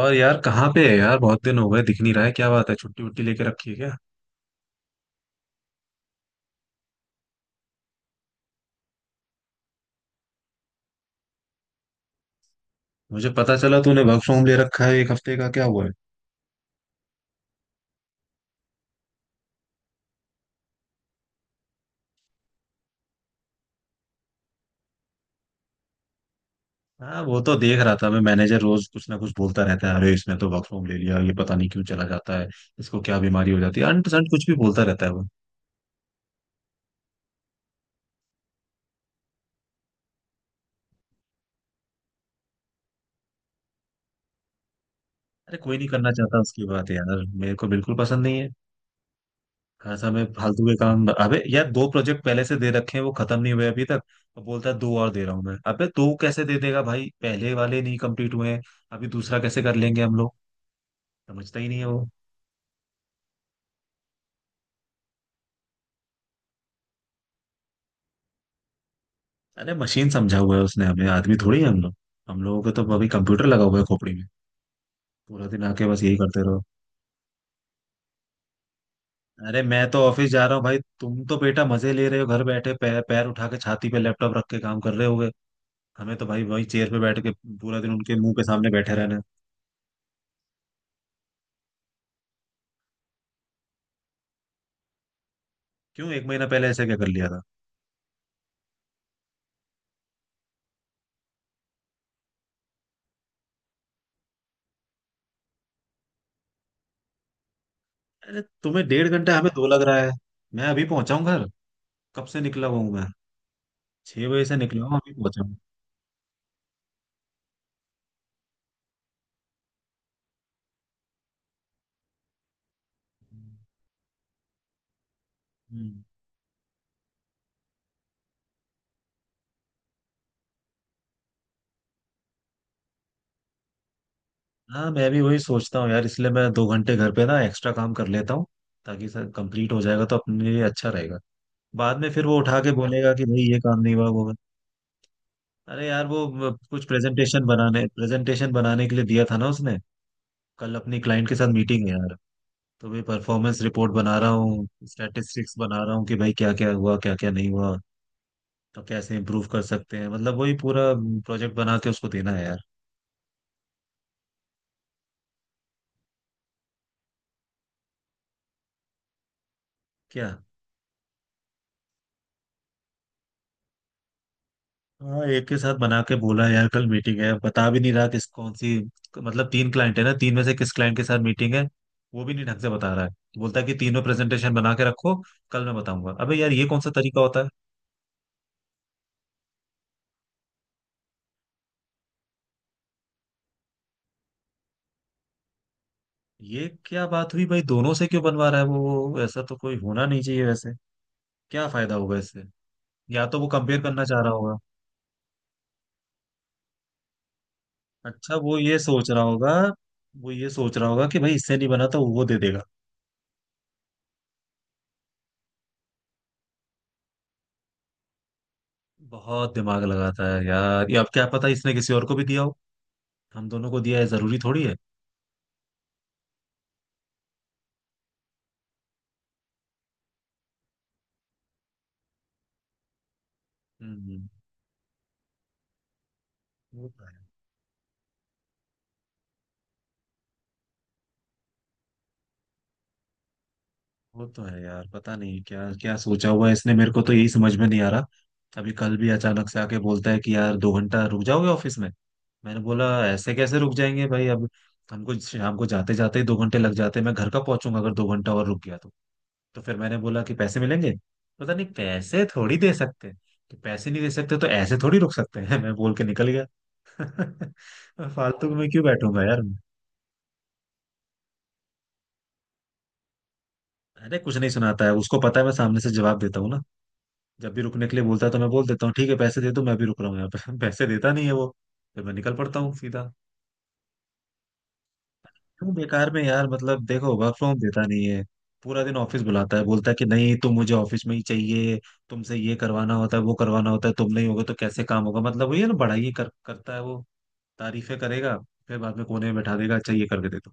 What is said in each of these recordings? और यार कहाँ पे है यार? बहुत दिन हो गए, दिख नहीं रहा है। क्या बात है, छुट्टी वुट्टी लेके रखी है क्या? मुझे पता चला तूने वर्क फ्रॉम ले रखा है 1 हफ्ते का, क्या हुआ है? हाँ वो तो देख रहा था मैं। मैनेजर रोज कुछ ना कुछ बोलता रहता है, अरे इसने तो वर्क फ्रॉम ले लिया, ये पता नहीं क्यों चला जाता है। इसको क्या बीमारी हो जाती है, अनपसंद कुछ भी बोलता रहता है वो। अरे कोई नहीं करना चाहता उसकी बात यार, मेरे को बिल्कुल पसंद नहीं है। खासा मैं फालतू के काम। अबे यार, दो प्रोजेक्ट पहले से दे रखे हैं, वो खत्म नहीं हुए अभी तक। और बोलता है दो और दे रहा हूँ मैं। अबे दो कैसे दे देगा भाई, पहले वाले नहीं कंप्लीट हुए हैं, अभी दूसरा कैसे कर लेंगे हम लोग। समझता ही नहीं है वो। अरे मशीन समझा हुआ है उसने हमें, आदमी थोड़ी है हम लोग। हम लोगों को तो अभी कंप्यूटर लगा हुआ है खोपड़ी में, पूरा दिन आके बस यही करते रहो। अरे मैं तो ऑफिस जा रहा हूँ भाई, तुम तो बेटा मजे ले रहे हो, घर बैठे पैर पैर उठा के छाती पे लैपटॉप रख के काम कर रहे होगे। हमें तो भाई वही चेयर पे बैठ के पूरा दिन उनके मुंह के सामने बैठे रहना है। क्यों, एक महीना पहले ऐसे क्या कर लिया था? अरे तुम्हें डेढ़ घंटा, हमें दो लग रहा है। मैं अभी पहुंचा हूँ घर। कब से निकला हुआ हूँ मैं, 6 बजे से निकला हूँ, अभी पहुंचा हूँ। हम्म। हाँ मैं भी वही सोचता हूँ यार, इसलिए मैं 2 घंटे घर पे ना एक्स्ट्रा काम कर लेता हूँ, ताकि सर कंप्लीट हो जाएगा तो अपने लिए अच्छा रहेगा। बाद में फिर वो उठा के बोलेगा कि भाई ये काम नहीं हुआ वो हुआ। अरे यार वो कुछ प्रेजेंटेशन बनाने के लिए दिया था ना उसने। कल अपनी क्लाइंट के साथ मीटिंग है यार। तो भाई परफॉर्मेंस रिपोर्ट बना रहा हूँ, स्टैटिस्टिक्स बना रहा हूँ कि भाई क्या क्या हुआ क्या क्या नहीं हुआ, तो कैसे इम्प्रूव कर सकते हैं। मतलब वही पूरा प्रोजेक्ट बना के उसको देना है यार। क्या? हाँ एक के साथ बना के बोला यार कल मीटिंग है, बता भी नहीं रहा किस, कौन सी। मतलब तीन क्लाइंट है ना, तीन में से किस क्लाइंट के साथ मीटिंग है वो भी नहीं ढंग से बता रहा है। बोलता है कि तीनों प्रेजेंटेशन बना के रखो, कल मैं बताऊंगा। अबे यार ये कौन सा तरीका होता है? ये क्या बात हुई भाई, दोनों से क्यों बनवा रहा है वो, ऐसा तो कोई होना नहीं चाहिए वैसे। क्या फायदा होगा इससे। या तो वो कंपेयर करना चाह रहा होगा। अच्छा वो ये सोच रहा होगा, वो ये सोच रहा होगा कि भाई इससे नहीं बना तो वो दे देगा। बहुत दिमाग लगाता है यार ये, अब क्या पता इसने किसी और को भी दिया हो, हम दोनों को दिया है जरूरी थोड़ी है। हम्म, वो तो है। वो तो है यार, पता नहीं क्या क्या सोचा हुआ है इसने, मेरे को तो यही समझ में नहीं आ रहा। अभी कल भी अचानक से आके बोलता है कि यार 2 घंटा रुक जाओगे ऑफिस में। मैंने बोला ऐसे कैसे रुक जाएंगे भाई, अब हमको शाम को जाते जाते ही 2 घंटे लग जाते हैं, मैं घर का पहुंचूंगा अगर 2 घंटा और रुक गया तो। तो फिर मैंने बोला कि पैसे मिलेंगे? पता नहीं, पैसे थोड़ी दे सकते हैं। कि पैसे नहीं दे सकते तो ऐसे थोड़ी रुक सकते हैं। मैं बोल के निकल गया। फालतू में क्यों बैठूंगा यार। अरे कुछ नहीं सुनाता है, उसको पता है मैं सामने से जवाब देता हूँ ना। जब भी रुकने के लिए बोलता है तो मैं बोल देता हूँ ठीक है पैसे दे दो मैं भी रुक रहा हूँ यहाँ पे। पैसे देता नहीं है वो, फिर मैं निकल पड़ता हूँ सीधा। क्यों बेकार में यार, मतलब देखो वर्क फ्रॉम देता नहीं है, पूरा दिन ऑफिस बुलाता है, बोलता है कि नहीं तुम मुझे ऑफिस में ही चाहिए। तुमसे ये करवाना होता है वो करवाना होता है, तुम नहीं होगे तो कैसे काम होगा। मतलब वही है ना, बड़ाई करता है वो, तारीफें करेगा, फिर बाद में कोने में बैठा देगा अच्छा ये करके दे दो।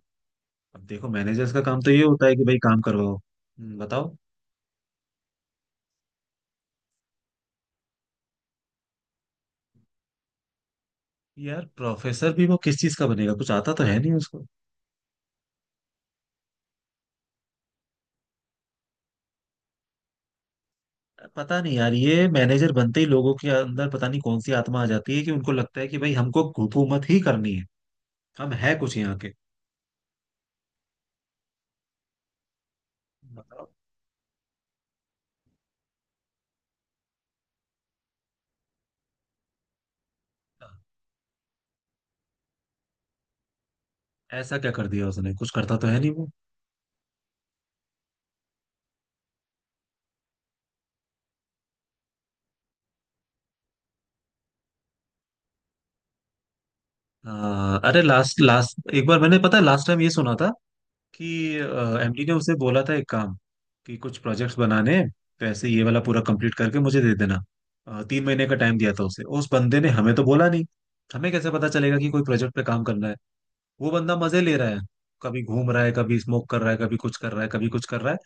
अब देखो मैनेजर्स का काम तो ये होता है कि भाई काम करवाओ। बताओ। यार प्रोफेसर भी वो किस चीज का बनेगा, कुछ आता तो है नहीं उसको। पता नहीं यार ये मैनेजर बनते ही लोगों के अंदर पता नहीं कौन सी आत्मा आ जाती है कि उनको लगता है कि भाई हमको हुकूमत ही करनी है, हम है कुछ यहाँ के। मतलब ऐसा क्या कर दिया उसने, कुछ करता तो है नहीं वो। अरे लास्ट लास्ट एक बार मैंने, पता है लास्ट टाइम ये सुना था कि एमडी ने उसे बोला था एक काम, कि कुछ प्रोजेक्ट्स बनाने हैं, वैसे ये वाला पूरा कंप्लीट करके मुझे दे देना। 3 महीने का टाइम दिया था उसे, उस बंदे ने हमें तो बोला नहीं। हमें कैसे पता चलेगा कि कोई प्रोजेक्ट पे काम करना है? वो बंदा मजे ले रहा है, कभी घूम रहा है कभी स्मोक कर रहा है कभी कुछ कर रहा है कभी कुछ कर रहा है।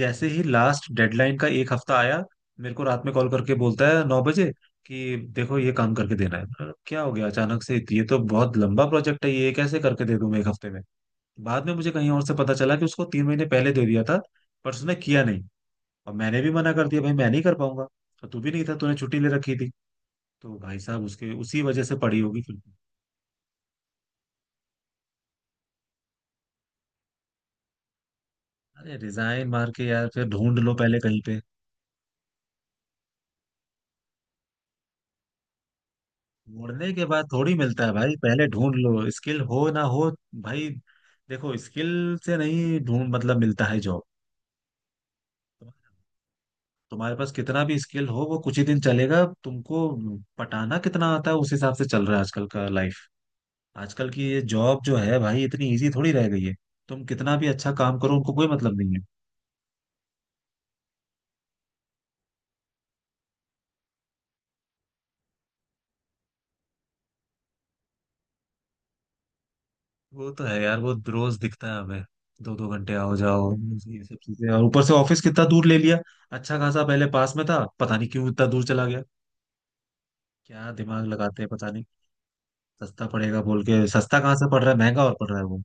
जैसे ही लास्ट डेडलाइन का 1 हफ्ता आया, मेरे को रात में कॉल करके बोलता है 9 बजे, कि देखो ये काम करके देना है। मैंने कहा, क्या हो गया अचानक से, ये तो बहुत लंबा प्रोजेक्ट है, ये कैसे करके दे दूं मैं 1 हफ्ते में। बाद में मुझे कहीं और से पता चला कि उसको 3 महीने पहले दे दिया था, पर उसने किया नहीं, और मैंने भी मना कर दिया भाई मैं नहीं कर पाऊंगा, और तू भी नहीं था, तूने छुट्टी ले रखी थी, तो भाई साहब उसके उसी वजह से पड़ी होगी फिर। अरे रिजाइन मार के यार फिर ढूंढ लो पहले कहीं पे। ढूंढने के बाद थोड़ी मिलता है भाई, पहले ढूंढ लो, स्किल हो ना हो। भाई देखो स्किल से नहीं ढूंढ मतलब मिलता है जॉब। तुम्हारे पास कितना भी स्किल हो वो कुछ ही दिन चलेगा तुमको। पटाना कितना आता है उस हिसाब से चल रहा है आजकल का लाइफ। आजकल की ये जॉब जो है भाई इतनी इजी थोड़ी रह गई है, तुम कितना भी अच्छा काम करो उनको कोई मतलब नहीं है। वो तो है यार, वो रोज दिखता है हमें। दो दो घंटे आओ जाओ, ये सब चीजें, और ऊपर से ऑफिस कितना दूर ले लिया। अच्छा खासा पहले पास में था, पता नहीं क्यों इतना दूर चला गया। क्या दिमाग लगाते हैं पता नहीं। सस्ता पड़ेगा बोल के, सस्ता कहाँ से पड़ रहा है, महंगा और पड़ रहा है वो।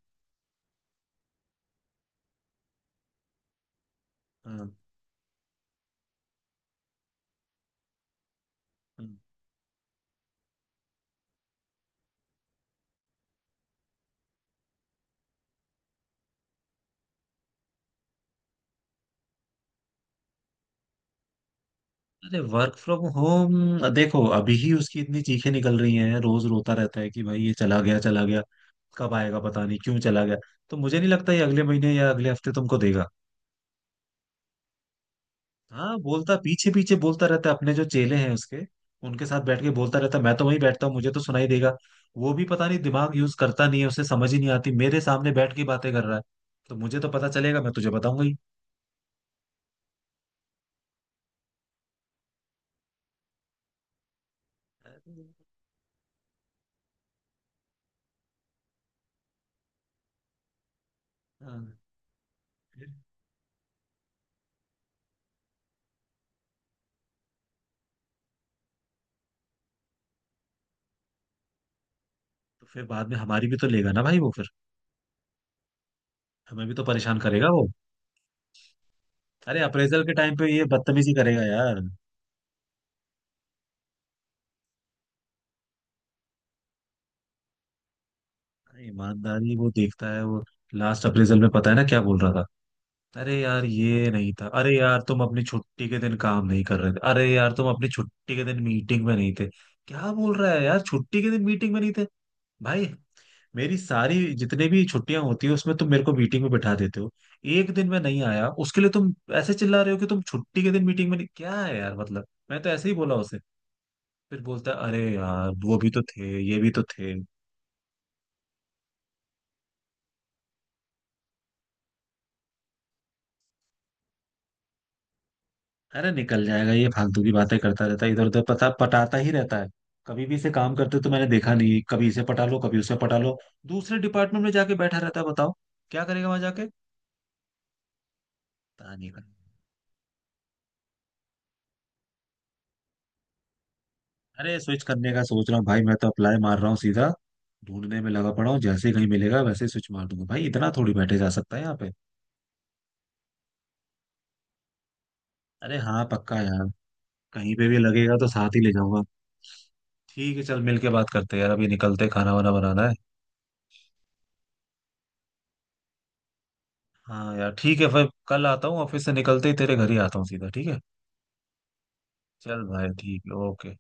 हाँ। अरे वर्क फ्रॉम होम देखो अभी ही उसकी इतनी चीखें निकल रही हैं, रोज रोता रहता है कि भाई ये चला गया चला गया, कब आएगा, पता नहीं क्यों चला गया। तो मुझे नहीं लगता ये अगले महीने या अगले हफ्ते तुमको देगा। हाँ बोलता, पीछे पीछे बोलता रहता है, अपने जो चेले हैं उसके, उनके साथ बैठ के बोलता रहता है। मैं तो वहीं बैठता हूँ, मुझे तो सुनाई देगा। वो भी पता नहीं दिमाग यूज करता नहीं है, उसे समझ ही नहीं आती मेरे सामने बैठ के बातें कर रहा है। तो मुझे तो पता चलेगा, मैं तुझे बताऊंगा ही। हाँ, फिर- तो फिर बाद में हमारी भी तो लेगा ना भाई वो फिर, हमें भी तो परेशान करेगा वो। अरे अप्रेजल के टाइम पे ये बदतमीजी करेगा यार। अरे ईमानदारी वो देखता है वो। लास्ट अप्रेजल में पता है ना क्या बोल रहा था? अरे यार ये नहीं था, अरे यार तुम अपनी छुट्टी के दिन काम नहीं कर रहे थे, अरे यार तुम अपनी छुट्टी के दिन मीटिंग में नहीं थे। क्या बोल रहा है यार, छुट्टी के दिन मीटिंग में नहीं थे। भाई मेरी सारी जितने भी छुट्टियां होती है उसमें तुम मेरे को मीटिंग में बिठा देते हो, एक दिन मैं नहीं आया उसके लिए तुम ऐसे चिल्ला रहे हो कि तुम छुट्टी के दिन मीटिंग में नहीं, क्या है यार। मतलब मैं तो ऐसे ही बोला उसे, फिर बोलता है अरे यार वो भी तो थे ये भी तो थे। अरे निकल जाएगा ये, फालतू की बातें करता रहता है, इधर उधर पता पटाता ही रहता है। कभी भी इसे काम करते तो मैंने देखा नहीं, कभी इसे पटा लो कभी उसे पटा लो, दूसरे डिपार्टमेंट में जाके बैठा रहता है। बताओ क्या करेगा वहां जाके। पता नहीं कर। अरे स्विच करने का सोच रहा हूँ भाई, मैं तो अप्लाई मार रहा हूँ सीधा, ढूंढने में लगा पड़ा हूँ, जैसे ही कहीं मिलेगा वैसे ही स्विच मार दूंगा भाई, इतना थोड़ी बैठे जा सकता है यहाँ पे। अरे हाँ पक्का यार, कहीं पे भी लगेगा तो साथ ही ले जाऊंगा। ठीक है चल मिल के बात करते हैं यार, अभी निकलते हैं, खाना वाना बनाना है। हाँ यार ठीक है, फिर कल आता हूँ ऑफिस से निकलते ही तेरे घर ही आता हूँ सीधा। ठीक है, चल भाई ठीक है, ओके।